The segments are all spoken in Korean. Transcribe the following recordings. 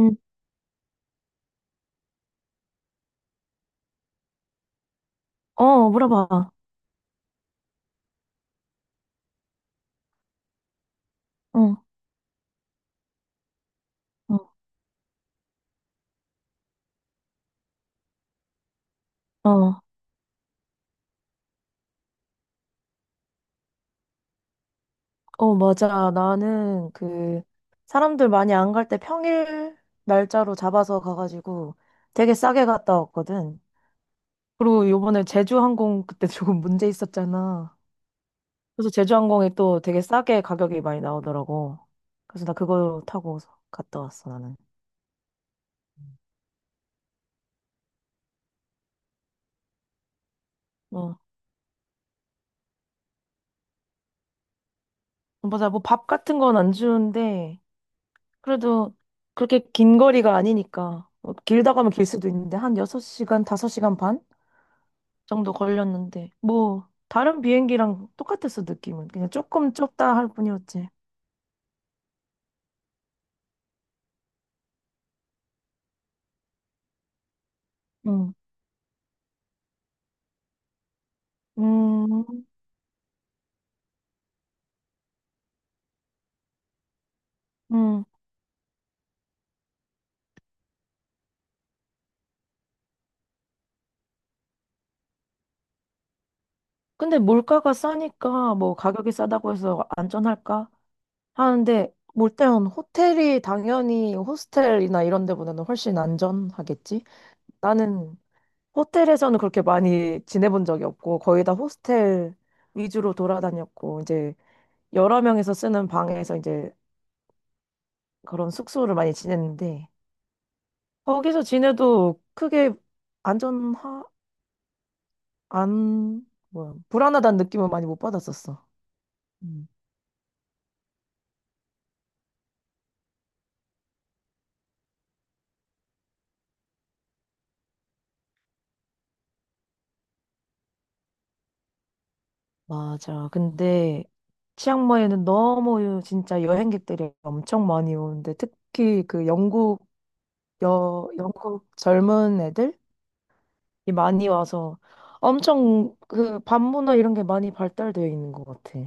응. 어, 물어봐. 어, 어, 어, 어, 맞아. 나는 그 사람들 많이 안 갈 때 평일 날짜로 잡아서 가가지고 되게 싸게 갔다 왔거든. 그리고 요번에 제주항공 그때 조금 문제 있었잖아. 그래서 제주항공이 또 되게 싸게 가격이 많이 나오더라고. 그래서 나 그거 타고 갔다 왔어, 나는. 어, 어, 맞아. 뭐 밥 같은 건 안 주는데 그래도 그렇게 긴 거리가 아니니까. 뭐 길다 가면 길 수도 있는데 한 6시간, 5시간 반? 정도 걸렸는데 뭐 다른 비행기랑 똑같았어, 느낌은. 그냥 조금 좁다 할 뿐이었지. 응. 음. 음. 근데 물가가 싸니까 뭐 가격이 싸다고 해서 안전할까 하는데 몰 일단 호텔이 당연히 호스텔이나 이런 데보다는 훨씬 안전하겠지. 나는 호텔에서는 그렇게 많이 지내본 적이 없고 거의 다 호스텔 위주로 돌아다녔고 이제 여러 명이서 쓰는 방에서 이제 그런 숙소를 많이 지냈는데 거기서 지내도 크게 안전하, 안, 뭐야, 불안하다는 느낌을 많이 못 받았었어. 음, 맞아. 근데 치앙마이는 너무 진짜 여행객들이 엄청 많이 오는데 특히 그 영국, 영국 젊은 애들이 많이 와서 엄청 그 반문화 이런 게 많이 발달되어 있는 것 같아.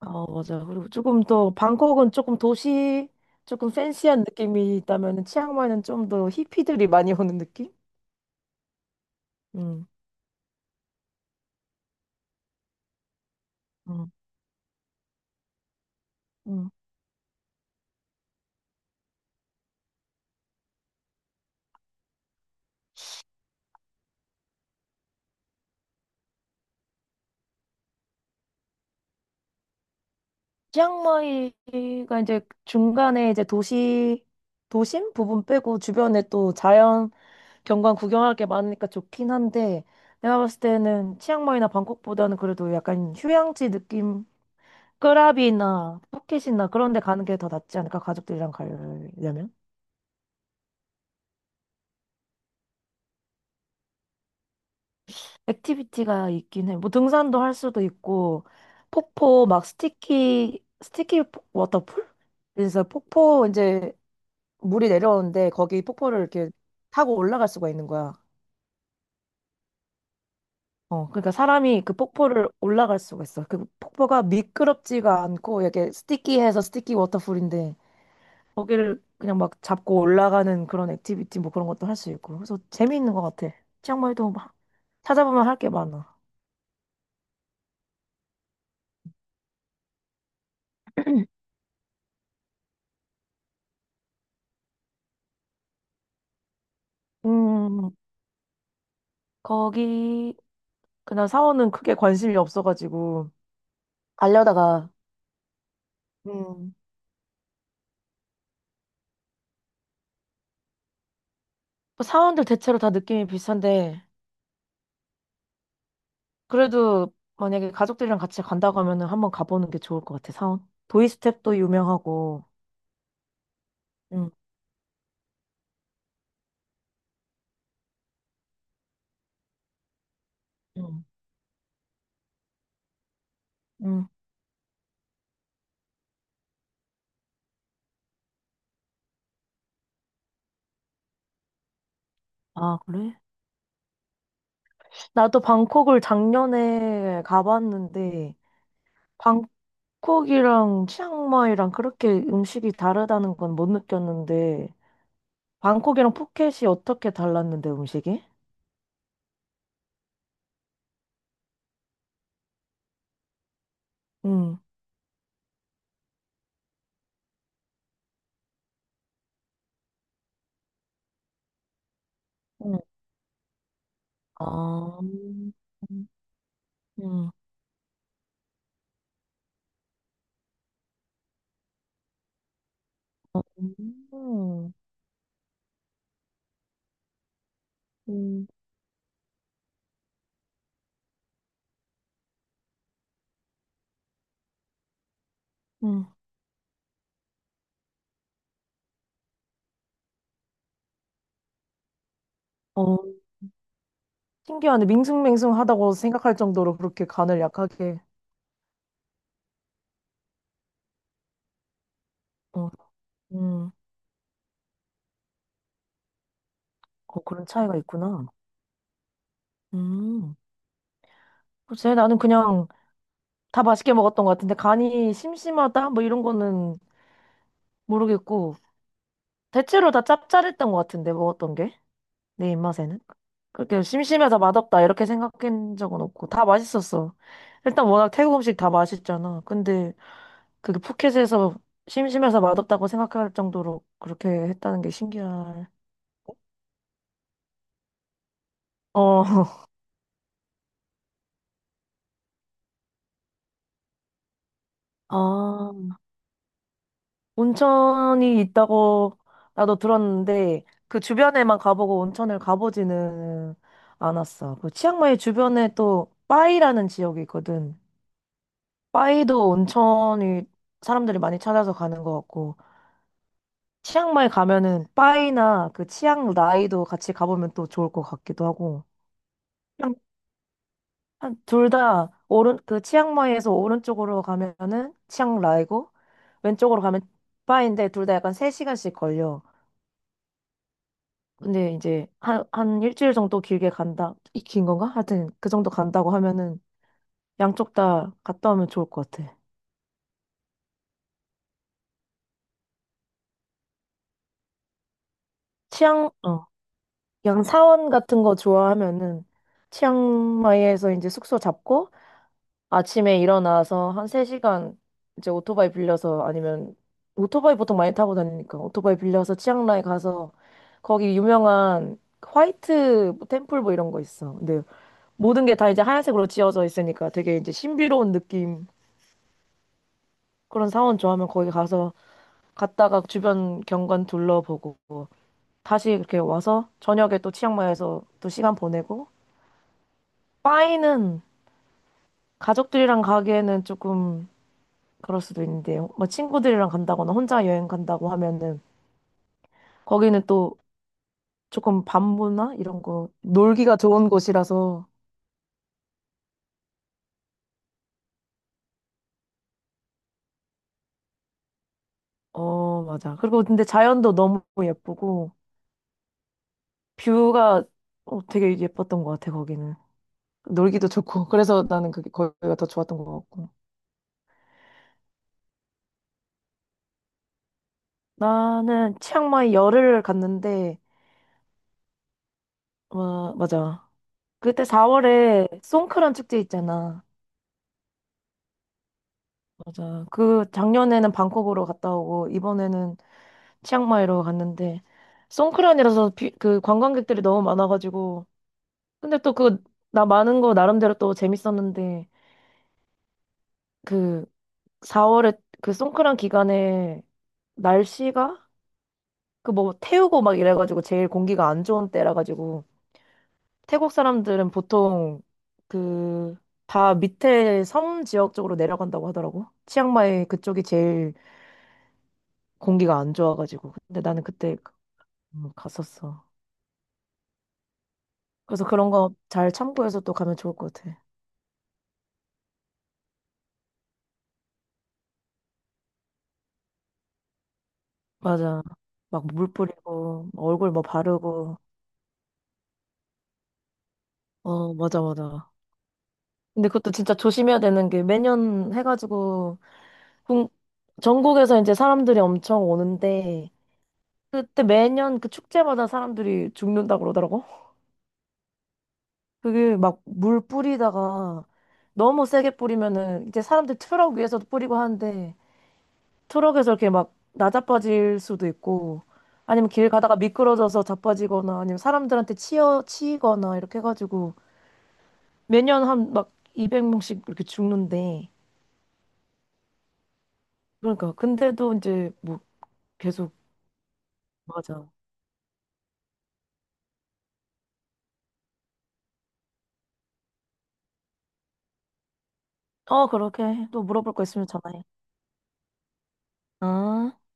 어, 맞아. 그리고 조금 더 방콕은 조금 팬시한 느낌이 있다면 치앙마이는 좀 더 히피들이 많이 오는 느낌? 음. 음. 음. 치앙마이가 이제 중간에 이제 도심 부분 빼고 주변에 또 자연 경관 구경할 게 많으니까 좋긴 한데 내가 봤을 때는 치앙마이나 방콕보다는 그래도 약간 휴양지 느낌, 끄라비나 푸켓이나 그런 데 가는 게 더 낫지 않을까? 가족들이랑 가려면? 액티비티가 있긴 해. 뭐 등산도 할 수도 있고 폭포 막 스티키 워터풀? 그래서 폭포 이제 물이 내려오는데 거기 폭포를 이렇게 타고 올라갈 수가 있는 거야. 어, 그러니까 사람이 그 폭포를 올라갈 수가 있어. 그 폭포가 미끄럽지가 않고 이렇게 스티키해서 스티키 워터풀인데 거기를 그냥 막 잡고 올라가는 그런 액티비티 뭐 그런 것도 할 수 있고. 그래서 재미있는 것 같아. 치앙마이도 막 찾아보면 할 게 많아. 음, 거기 그냥 사원은 크게 관심이 없어가지고 알려다가. 음. 뭐 사원들 대체로 다 느낌이 비슷한데 그래도 만약에 가족들이랑 같이 간다고 하면은 한번 가보는 게 좋을 것 같아. 사원 도이스텝도 유명하고. 음. 음. 음. 아, 그래? 나도 방콕을 작년에 가봤는데 방콕이랑 치앙마이랑 그렇게 음식이 다르다는 건 못 느꼈는데 방콕이랑 푸켓이 어떻게 달랐는데 음식이? 응. 응. 아. 음. 음. 음. 음. 어, 신기하네. 밍숭맹숭하다고 생각할 정도로 그렇게 간을 약하게. 어. 음. 어, 그런 차이가 있구나. 음. 글쎄, 나는 그냥 다 맛있게 먹었던 것 같은데, 간이 심심하다? 뭐 이런 거는 모르겠고, 대체로 다 짭짤했던 것 같은데, 먹었던 게. 내 입맛에는. 그렇게 심심해서 맛없다, 이렇게 생각한 적은 없고, 다 맛있었어. 일단 워낙 태국 음식 다 맛있잖아. 근데 그게 포켓에서 심심해서 맛없다고 생각할 정도로 그렇게 했다는 게 신기할. 어. 아, 온천이 있다고 나도 들었는데 그 주변에만 가보고 온천을 가보지는 않았어. 그 치앙마이 주변에 또 빠이라는 지역이 있거든. 빠이도 온천이 사람들이 많이 찾아서 가는 것 같고 치앙마이 가면은 빠이나 그 치앙라이도 같이 가보면 또 좋을 것 같기도 하고. 둘 다 오른 그 치앙마이에서 오른쪽으로 가면은 치앙라이고 왼쪽으로 가면 파인데 둘 다 약간 3시간씩 걸려. 근데 이제 한 일주일 정도 길게 간다. 이 긴 건가? 하여튼 그 정도 간다고 하면은 양쪽 다 갔다 오면 좋을 것 같아. 치앙 어 양사원 같은 거 좋아하면은 치앙마이에서 이제 숙소 잡고 아침에 일어나서 한 3시간 이제 오토바이 빌려서 아니면 오토바이 보통 많이 타고 다니니까 오토바이 빌려서 치앙마이 가서 거기 유명한 화이트 뭐 템플 뭐 이런 거 있어. 근데 모든 게 다 이제 하얀색으로 지어져 있으니까 되게 이제 신비로운 느낌 그런 사원 좋아하면 거기 가서 갔다가 주변 경관 둘러보고 다시 이렇게 와서 저녁에 또 치앙마이에서 또 시간 보내고, 파이는 가족들이랑 가기에는 조금 그럴 수도 있는데, 뭐 친구들이랑 간다거나 혼자 여행 간다고 하면은 거기는 또 조금 반부나 이런 거, 놀기가 좋은 곳이라서. 어, 맞아. 그리고 근데 자연도 너무 예쁘고, 뷰가 되게 예뻤던 것 같아, 거기는. 놀기도 좋고, 그래서 나는 그게 거기가 더 좋았던 것 같고. 나는 치앙마이 열흘을 갔는데, 어, 맞아. 그때 4월에 송크란 축제 있잖아. 맞아. 그 작년에는 방콕으로 갔다 오고, 이번에는 치앙마이로 갔는데 송크란이라서 그 관광객들이 너무 많아가지고 근데 또 그 나 많은 거 나름대로 또 재밌었는데 그 4월에 그 송크란 기간에 날씨가 그 뭐 태우고 막 이래가지고 제일 공기가 안 좋은 때라 가지고 태국 사람들은 보통 그 다 밑에 섬 지역 쪽으로 내려간다고 하더라고. 치앙마이 그쪽이 제일 공기가 안 좋아가지고 근데 나는 그때 갔었어. 그래서 그런 거 잘 참고해서 또 가면 좋을 것 같아. 맞아. 막 물 뿌리고, 얼굴 뭐 바르고. 어, 맞아, 맞아. 근데 그것도 진짜 조심해야 되는 게 매년 해가지고, 국- 전국에서 이제 사람들이 엄청 오는데, 그때 매년 그 축제마다 사람들이 죽는다고 그러더라고. 그게 막 물 뿌리다가 너무 세게 뿌리면은 이제 사람들 트럭 위에서도 뿌리고 하는데, 트럭에서 이렇게 막 나자빠질 수도 있고, 아니면 길 가다가 미끄러져서 자빠지거나 아니면 사람들한테 치여 치이거나 이렇게 해가지고 매년 한 막 200명씩 이렇게 죽는데. 그러니까 근데도 이제 뭐 계속 맞아. 어, 그렇게 해. 또 물어볼 거 있으면 전화해. 아.